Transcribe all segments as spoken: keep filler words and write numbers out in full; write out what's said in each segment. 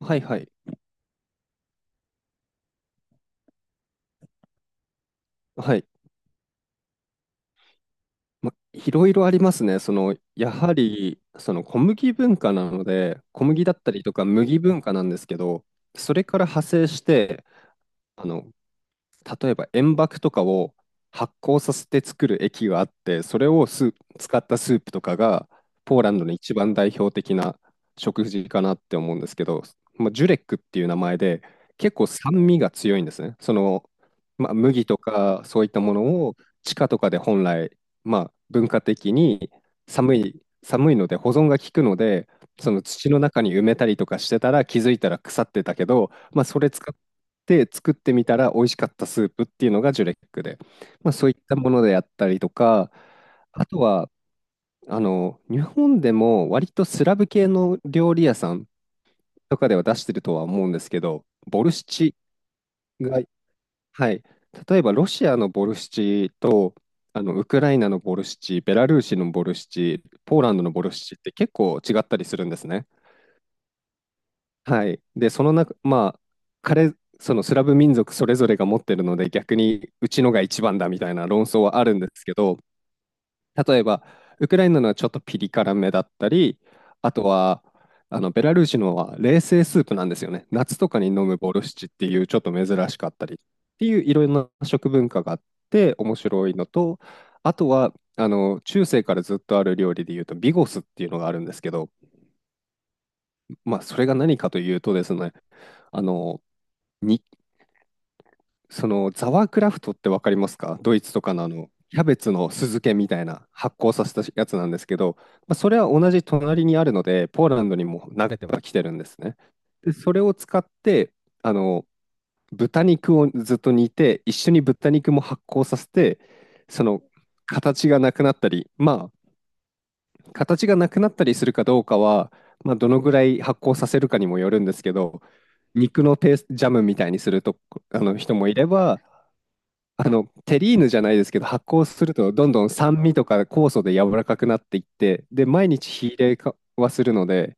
はいはい。はい。ま、いろいろありますね。その、やはり、その小麦文化なので、小麦だったりとか麦文化なんですけど、それから派生して、あの、例えば塩爆とかを発酵させて作る液があって、それをスー使ったスープとかがポーランドの一番代表的な食事かなって思うんですけど、まあ、ジュレックっていう名前で結構酸味が強いんですね。その、まあ、麦とかそういったものを地下とかで本来、まあ、文化的に寒い、寒いので保存が効くので、その土の中に埋めたりとかしてたら気づいたら腐ってたけど、まあ、それ使って作ってみたら美味しかったスープっていうのがジュレックで、まあ、そういったものであったりとか、あとは、あの、日本でも割とスラブ系の料理屋さんとかでは出してるとは思うんですけど、ボルシチが、はい、例えばロシアのボルシチと、あの、ウクライナのボルシチ、ベラルーシのボルシチ、ポーランドのボルシチって結構違ったりするんですね。はい。で、その中、まあ、彼、そのスラブ民族それぞれが持ってるので、逆にうちのが一番だみたいな論争はあるんですけど、例えば、ウクライナのはちょっとピリ辛めだったり、あとは、あのベラルーシのは冷製スープなんですよね。夏とかに飲むボルシチっていうちょっと珍しかったりっていういろんな食文化があって面白いのと、あとはあの中世からずっとある料理でいうとビゴスっていうのがあるんですけど、まあそれが何かというとですね、あの、にそのザワークラフトってわかりますか？ドイツとかのあの、キャベツの酢漬けみたいな発酵させたやつなんですけど、まあ、それは同じ隣にあるので、ポーランドにも投げてはきてるんですね。で、それを使って、あの、豚肉をずっと煮て、一緒に豚肉も発酵させて、その形がなくなったり、まあ、形がなくなったりするかどうかは、まあ、どのぐらい発酵させるかにもよるんですけど、肉のペースジャムみたいにするとあの人もいれば、あの、テリーヌじゃないですけど、発酵するとどんどん酸味とか酵素で柔らかくなっていって、で、毎日火入れかはするので、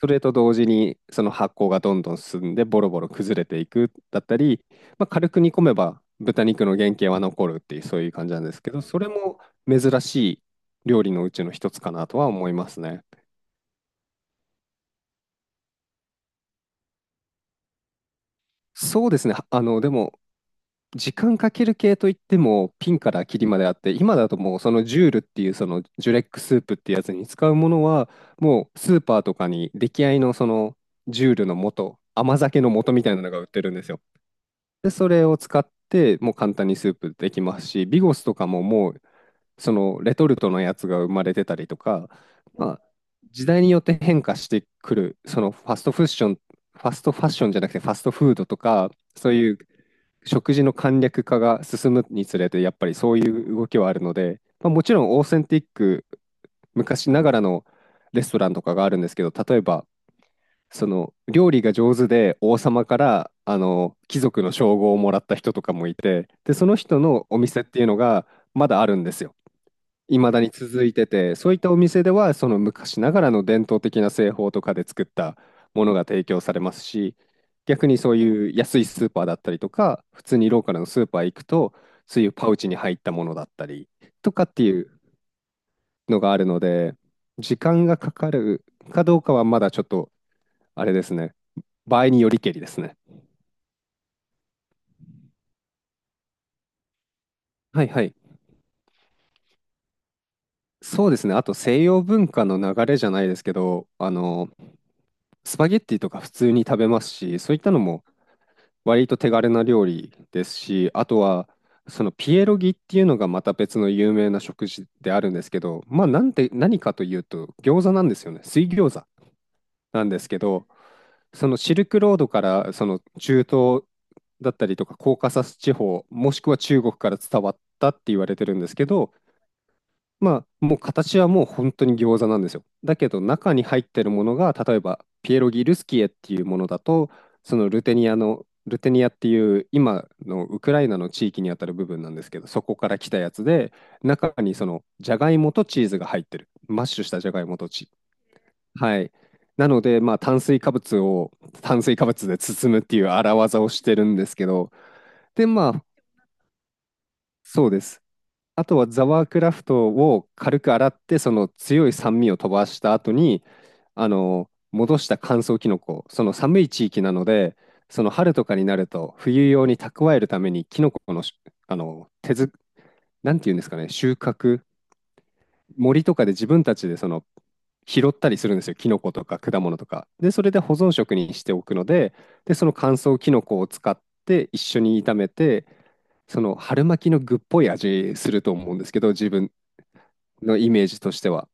それと同時にその発酵がどんどん進んでボロボロ崩れていくだったり、まあ、軽く煮込めば豚肉の原型は残るっていうそういう感じなんですけど、それも珍しい料理のうちの一つかなとは思いますね。そうですね。あの、でも時間かける系といっても、ピンからキリまであって、今だともうそのジュールっていうそのジュレックスープってやつに使うものは、もうスーパーとかに出来合いのそのジュールの素、甘酒の素みたいなのが売ってるんですよ。で、それを使って、もう簡単にスープできますし、ビゴスとかももうそのレトルトのやつが生まれてたりとか、まあ、時代によって変化してくる、そのファストファッション、ファストファッションじゃなくてファストフードとか、そういう食事の簡略化が進むにつれて、やっぱりそういう動きはあるので、まあ、もちろんオーセンティック、昔ながらのレストランとかがあるんですけど、例えば、その料理が上手で王様からあの貴族の称号をもらった人とかもいて、で、その人のお店っていうのがまだあるんですよ。未だに続いてて、そういったお店ではその昔ながらの伝統的な製法とかで作ったものが提供されますし、逆にそういう安いスーパーだったりとか、普通にローカルのスーパー行くと、そういうパウチに入ったものだったりとかっていうのがあるので、時間がかかるかどうかはまだちょっとあれですね。場合によりけりですね。はいはい。そうですね。あと西洋文化の流れじゃないですけど、あの、スパゲッティとか普通に食べますし、そういったのも割と手軽な料理ですし、あとは、そのピエロギっていうのがまた別の有名な食事であるんですけど、まあなんて、何かというと餃子なんですよね。水餃子なんですけど、そのシルクロードからその中東だったりとかコーカサス地方、もしくは中国から伝わったって言われてるんですけど、まあ、もう形はもう本当に餃子なんですよ。だけど中に入ってるものが、例えばピエロギルスキエっていうものだと、そのルテニアの、ルテニアっていう今のウクライナの地域にあたる部分なんですけど、そこから来たやつで、中にそのジャガイモとチーズが入ってる。マッシュしたジャガイモとチーズ。はい。なので、まあ、炭水化物を炭水化物で包むっていう荒技をしてるんですけど、で、まあ、そうです。あとはザワークラフトを軽く洗って、その強い酸味を飛ばした後に、あの、戻した乾燥キノコ、その寒い地域なので、その春とかになると冬用に蓄えるためにキノコのし、あの、手づ、なんていうんですかね、収穫、森とかで自分たちでその拾ったりするんですよ、キノコとか果物とか。で、それで保存食にしておくので、で、その乾燥キノコを使って一緒に炒めて、その春巻きの具っぽい味すると思うんですけど、自分のイメージとしては。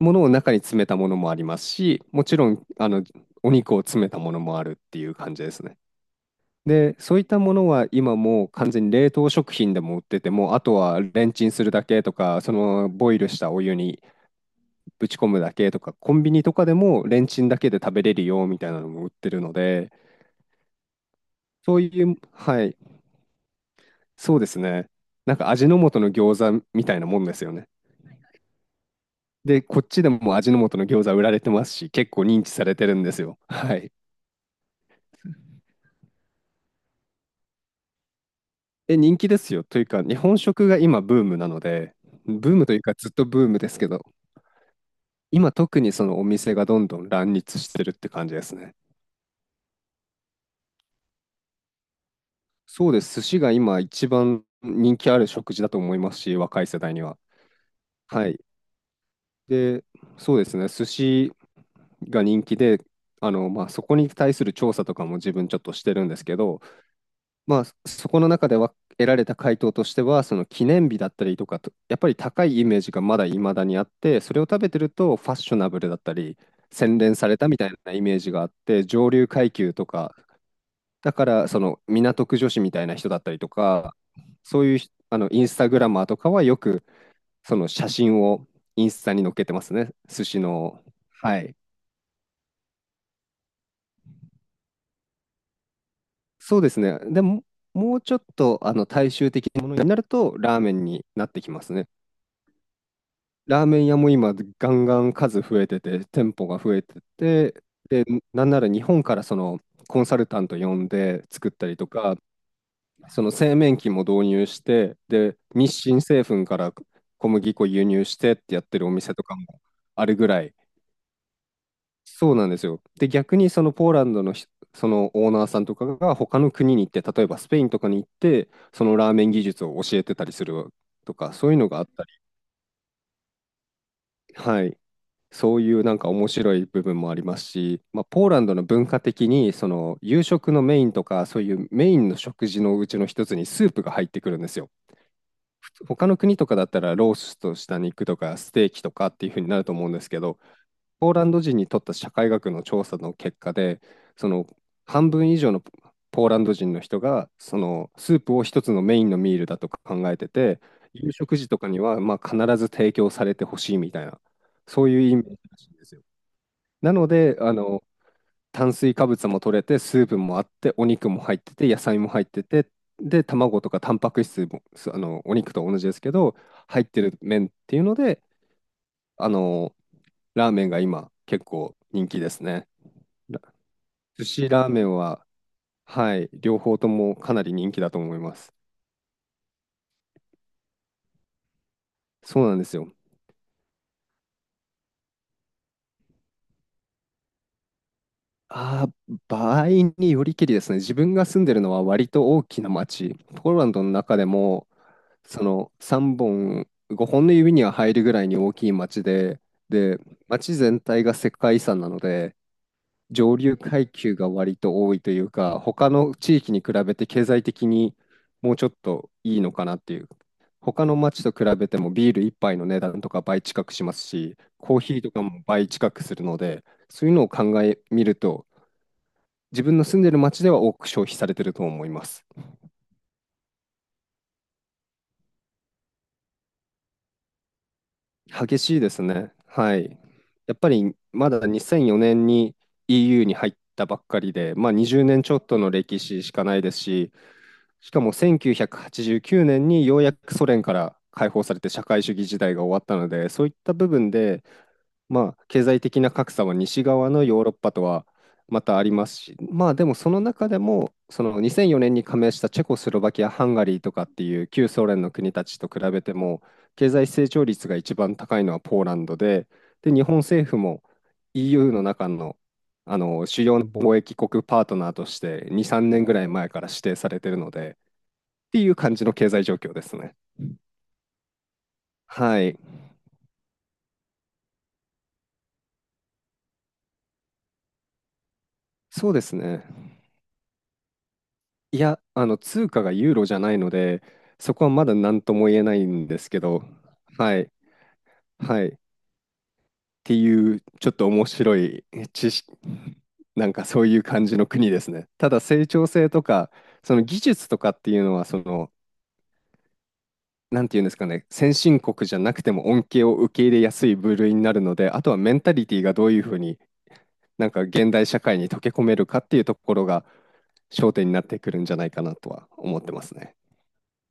ものを中に詰めたものもありますし、もちろん、あの、お肉を詰めたものもあるっていう感じですね。で、そういったものは今もう完全に冷凍食品でも売ってても、あとはレンチンするだけとか、そのボイルしたお湯にぶち込むだけとか、コンビニとかでもレンチンだけで食べれるよみたいなのも売ってるので、そういう、はい、そうですね。なんか味の素の餃子みたいなもんですよね。で、こっちでも味の素の餃子売られてますし、結構認知されてるんですよ。はい。え、人気ですよ。というか、日本食が今ブームなので、ブームというかずっとブームですけど、今特にそのお店がどんどん乱立してるって感じですね。そうです。寿司が今一番人気ある食事だと思いますし、若い世代には。はい。で、そうですね。寿司が人気で、あの、まあ、そこに対する調査とかも自分ちょっとしてるんですけど、まあ、そそこの中では得られた回答としては、その記念日だったりとかと、やっぱり高いイメージがまだ未だにあって、それを食べてるとファッショナブルだったり、洗練されたみたいなイメージがあって、上流階級とか、だからその港区女子みたいな人だったりとか、そういうひあのインスタグラマーとかはよくその写真をインスタに載っけてますね、寿司の。はい。そうですね。でも、もうちょっとあの大衆的なものになると、ラーメンになってきますね。ラーメン屋も今ガンガン数増えてて、店舗が増えてて、で、なんなら日本からそのコンサルタント呼んで作ったりとか、その製麺機も導入して、で、日清製粉から小麦粉輸入してってやってるお店とかもあるぐらい、そうなんですよ。で、逆にそのポーランドのひそのオーナーさんとかが他の国に行って、例えばスペインとかに行って、そのラーメン技術を教えてたりするとか、そういうのがあったり、はい、そういうなんか面白い部分もありますし、まあ、ポーランドの文化的にその夕食のメインとかそういうメインの食事のうちの一つにスープが入ってくるんですよ。ふつ他の国とかだったらローストした肉とかステーキとかっていう風になると思うんですけど、ポーランド人にとった社会学の調査の結果で、その半分以上のポーランド人の人がそのスープを一つのメインのミールだと考えてて、夕食時とかにはまあ必ず提供されてほしいみたいな、そういう意味らしいんですよ。なので、あの、炭水化物も取れて、スープもあって、お肉も入ってて、野菜も入ってて、で、卵とかタンパク質も、すあの、お肉と同じですけど、入ってる麺っていうので、あの、ラーメンが今結構人気ですね。ら寿司ラーメンは、はい、両方ともかなり人気だと思います。そうなんですよ。あー場合によりけりですね。自分が住んでるのは割と大きな町。ポーランドの中でも、そのさんぼん、ごほんの指には入るぐらいに大きい町で、で、町全体が世界遺産なので、上流階級が割と多いというか、他の地域に比べて経済的にもうちょっといいのかなっていう。他の町と比べてもビール一杯の値段とか倍近くしますし、コーヒーとかも倍近くするので、そういうのを考えみると、自分の住んでる町では多く消費されてると思います。激しいですね。はい。やっぱりまだにせんよねんに イーユー に入ったばっかりで、まあにじゅうねんちょっとの歴史しかないですし、しかもせんきゅうひゃくはちじゅうきゅうねんにようやくソ連から解放されて社会主義時代が終わったので、そういった部分でまあ、経済的な格差は西側のヨーロッパとはまたありますし、まあでもその中でも、そのにせんよねんに加盟したチェコスロバキア、ハンガリーとかっていう旧ソ連の国たちと比べても、経済成長率が一番高いのはポーランドで、で、日本政府も イーユー の中の、あの主要な貿易国パートナーとしてに、さんねんぐらい前から指定されてるので、っていう感じの経済状況ですね。はい、そうですね。いや、あの、通貨がユーロじゃないので、そこはまだ何とも言えないんですけど、はい、はい、っていう、ちょっと面白い知識、なんかそういう感じの国ですね。ただ、成長性とか、その技術とかっていうのは、その、なんていうんですかね、先進国じゃなくても恩恵を受け入れやすい部類になるので、あとはメンタリティがどういうふうに、なんか現代社会に溶け込めるかっていうところが焦点になってくるんじゃないかなとは思ってますね。